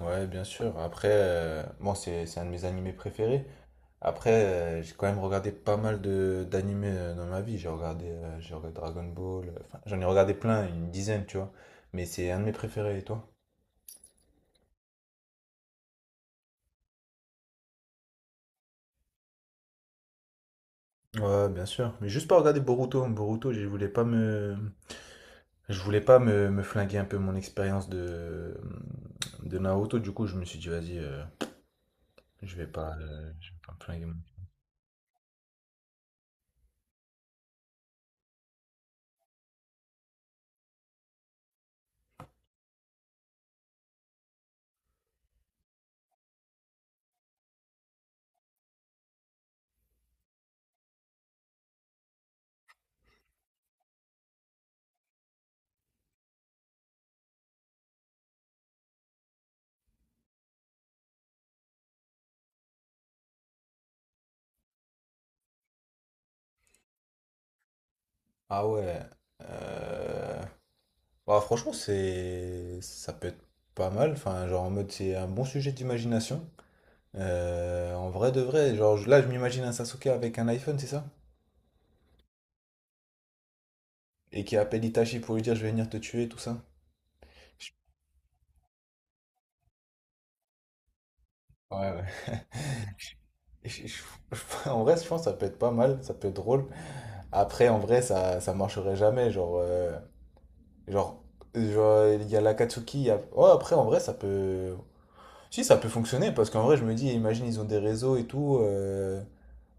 Ouais, bien sûr. Après, bon, c'est un de mes animés préférés. Après, j'ai quand même regardé pas mal de d'animés dans ma vie. J'ai regardé Dragon Ball. Enfin, j'en ai regardé plein, une dizaine, tu vois. Mais c'est un de mes préférés, et toi? Ouais, bien sûr. Mais juste pas regarder Boruto. Boruto, je voulais pas me, me flinguer un peu mon expérience de Naruto. Du coup, je me suis dit, vas-y, je vais pas me flinguer. Ah ouais. Euh... Bah, franchement, c'est ça peut être pas mal. Enfin, genre en mode, c'est un bon sujet d'imagination. En vrai de vrai, genre là, je m'imagine un Sasuke avec un iPhone, c'est ça? Et qui appelle Itachi pour lui dire je vais venir te tuer, tout ça. Je- Ouais, ouais. Et en vrai, je pense que ça peut être pas mal, ça peut être drôle. Après, en vrai, ça marcherait jamais. Genre, genre, il y a l'Akatsuki. Ouais, après, en vrai, ça peut. Si, ça peut fonctionner, parce qu'en vrai, je me dis, imagine, ils ont des réseaux et tout,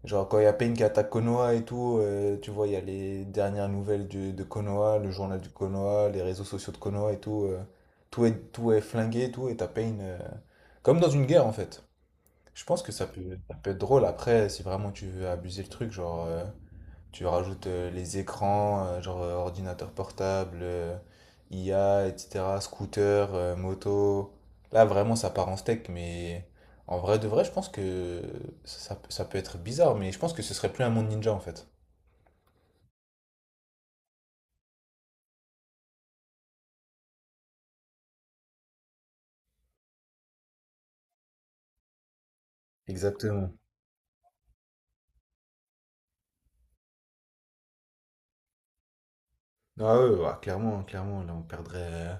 genre, quand il y a Pain qui attaque Konoha et tout, tu vois, il y a les dernières nouvelles de Konoha, le journal du Konoha, les réseaux sociaux de Konoha et tout. Tout est flingué et tout, et t'as Pain, comme dans une guerre, en fait. Je pense que ça peut être drôle après, si vraiment tu veux abuser le truc. Tu rajoutes les écrans, ordinateur portable, IA, etc., scooter, moto. Là, vraiment, ça part en steak, mais en vrai de vrai, je pense que ça peut être bizarre, mais je pense que ce serait plus un monde ninja en fait. Exactement. Ah ouais, ouais, clairement, clairement, là on perdrait. euh,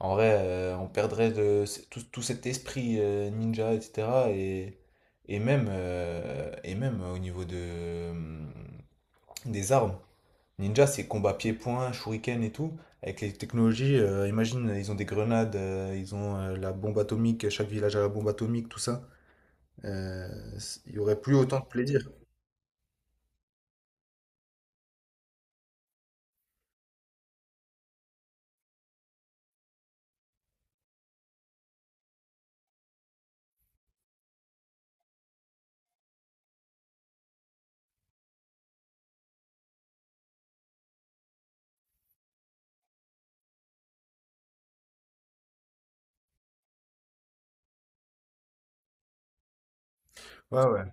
en vrai, euh, On perdrait tout, tout cet esprit ninja, etc. Et même, et même au niveau des armes. Ninja, c'est combat pied-point, shuriken et tout. Avec les technologies, imagine, ils ont des grenades, ils ont la bombe atomique, chaque village a la bombe atomique, tout ça. Il y aurait plus autant de plaisir. Ouais, ouais.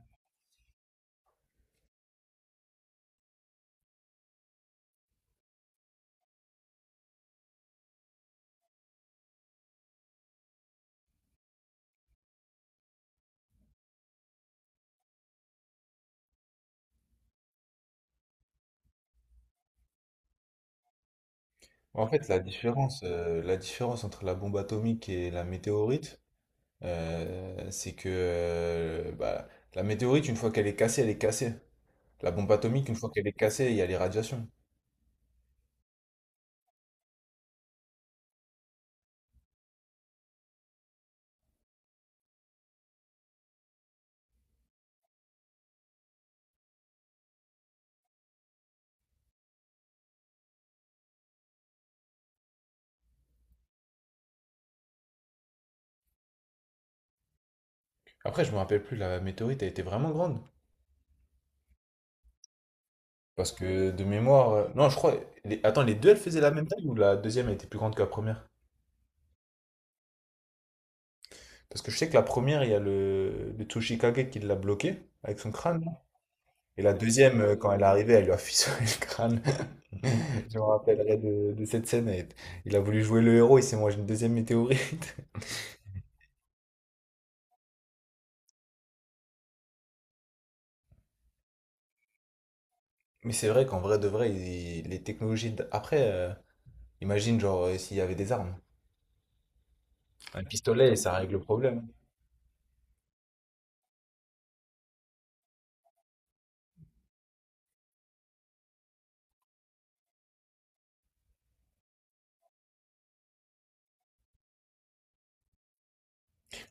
En fait, la différence entre la bombe atomique et la météorite, euh, c'est que euh, bah, la météorite, une fois qu'elle est cassée, elle est cassée. La bombe atomique, une fois qu'elle est cassée, il y a les radiations. Après, je me rappelle plus, la météorite, elle était vraiment grande. Parce que de mémoire. Non, je crois. Attends, les deux, elles faisaient la même taille ou la deuxième elle était plus grande que la première? Parce que je sais que la première, il y a le Tsuchikage qui l'a bloqué avec son crâne. Là. Et la deuxième, quand elle est arrivée, elle lui a fissuré le crâne. Je me rappellerai de cette scène. Elle- Il a voulu jouer le héros, il s'est mangé une deuxième météorite. Mais c'est vrai qu'en vrai de vrai, les technologies. Après, imagine, genre, s'il y avait des armes. Un pistolet, ça règle le problème.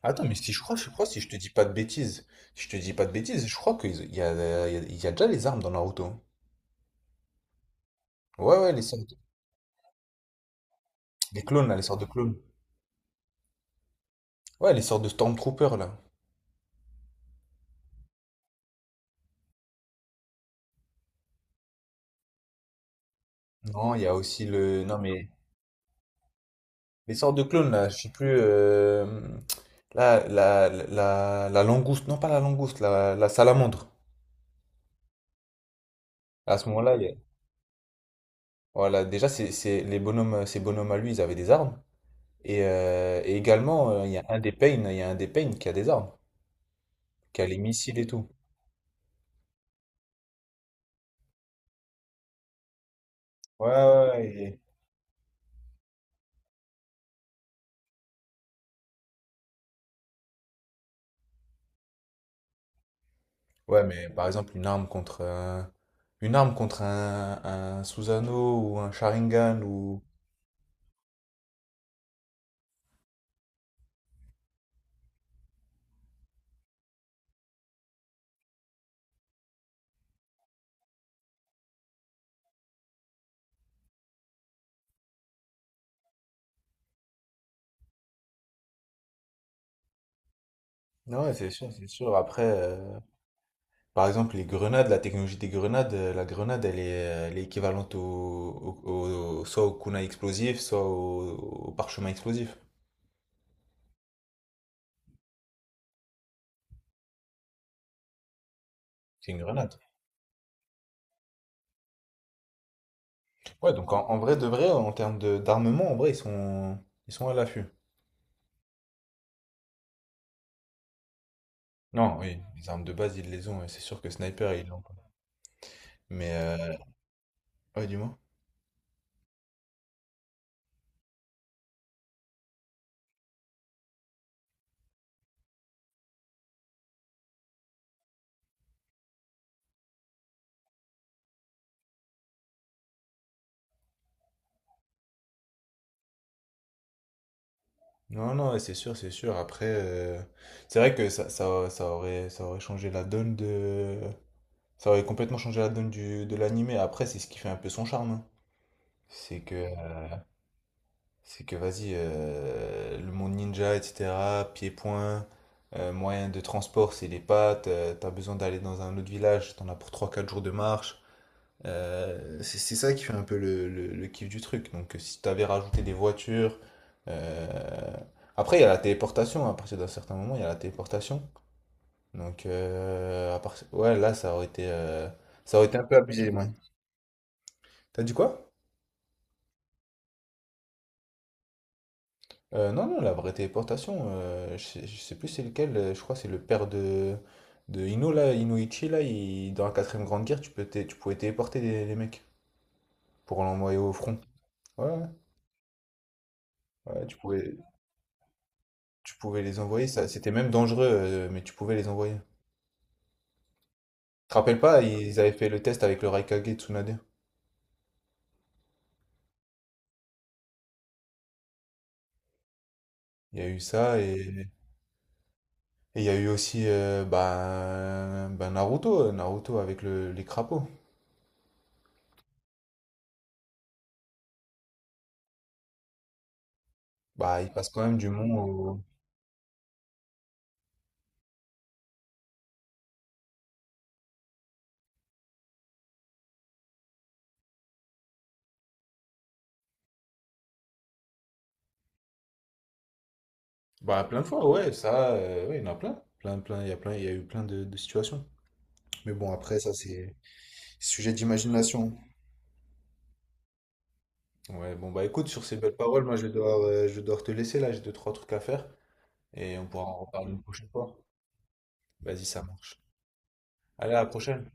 Attends, mais si je crois, si je te dis pas de bêtises, je crois qu'il y a déjà les armes dans Naruto. Hein. Ouais, ouais, les clones, là, les sortes de clones. Ouais, les sortes de Stormtroopers, là. Non, il y a aussi le... Non, mais... Les sortes de clones, là, je sais plus... Là, la langouste, non pas la langouste, la salamandre. À ce moment-là, voilà, déjà, les bonhommes, ces bonhommes à lui, ils avaient des armes. Et également, il y a un des Pain qui a des armes, qui a les missiles et tout. Ouais, ouais, ouais, Ouais, mais par exemple, une arme contre un Susanoo ou un Sharingan ou... Non, ouais, c'est sûr, c'est sûr. Après, par exemple, les grenades, la technologie des grenades, la grenade, elle est équivalente soit au kunai explosif, soit au parchemin explosif. C'est une grenade. Ouais, donc en vrai, de vrai, en termes d'armement, en vrai, ils sont à l'affût. Non, oui, les armes de base, ils les ont, ouais, c'est sûr que sniper, ils l'ont. Pas. Mais, euh, ouais, dis-moi. Non, non, ouais, c'est sûr, c'est sûr. Après, c'est vrai que ça aurait changé la donne de... Ça aurait complètement changé la donne de l'animé. Après, c'est ce qui fait un peu son charme. Hein. C'est que, c'est que vas-y, le monde ninja, etc., pieds-poings, moyen de transport, c'est les pattes. T'as besoin d'aller dans un autre village, t'en as pour trois quatre jours de marche. C'est ça qui fait un peu le kiff du truc. Donc, si tu avais rajouté des voitures. Euh, Après, il y a la téléportation. À partir d'un certain moment, il y a la téléportation. Donc, ouais, là, ça aurait été un peu abusé. Ouais. T'as dit quoi? Non, non, la vraie téléportation, je sais plus c'est lequel. Je crois que c'est le père de Ino, là, Inoichi, là. Dans la quatrième grande guerre, tu pouvais téléporter les mecs pour l'envoyer au front. Ouais, ouais, Tu pouvais. Tu pouvais les envoyer, ça, c'était même dangereux, mais tu pouvais les envoyer. Tu te rappelles pas, ils avaient fait le test avec le Raikage Tsunade. Il y a eu ça et il y a eu aussi Naruto avec les crapauds. Bah, il passe quand même du mont au... Bah, plein de fois, ouais, ça, ouais, il y en a plein. Il y a plein, il y a eu plein de situations. Mais bon, après, ça, c'est sujet d'imagination. Ouais, bon, bah écoute, sur ces belles paroles, moi, je vais devoir te laisser là, j'ai deux, trois trucs à faire et on pourra en reparler une prochaine fois. Vas-y, ça marche. Allez, à la prochaine.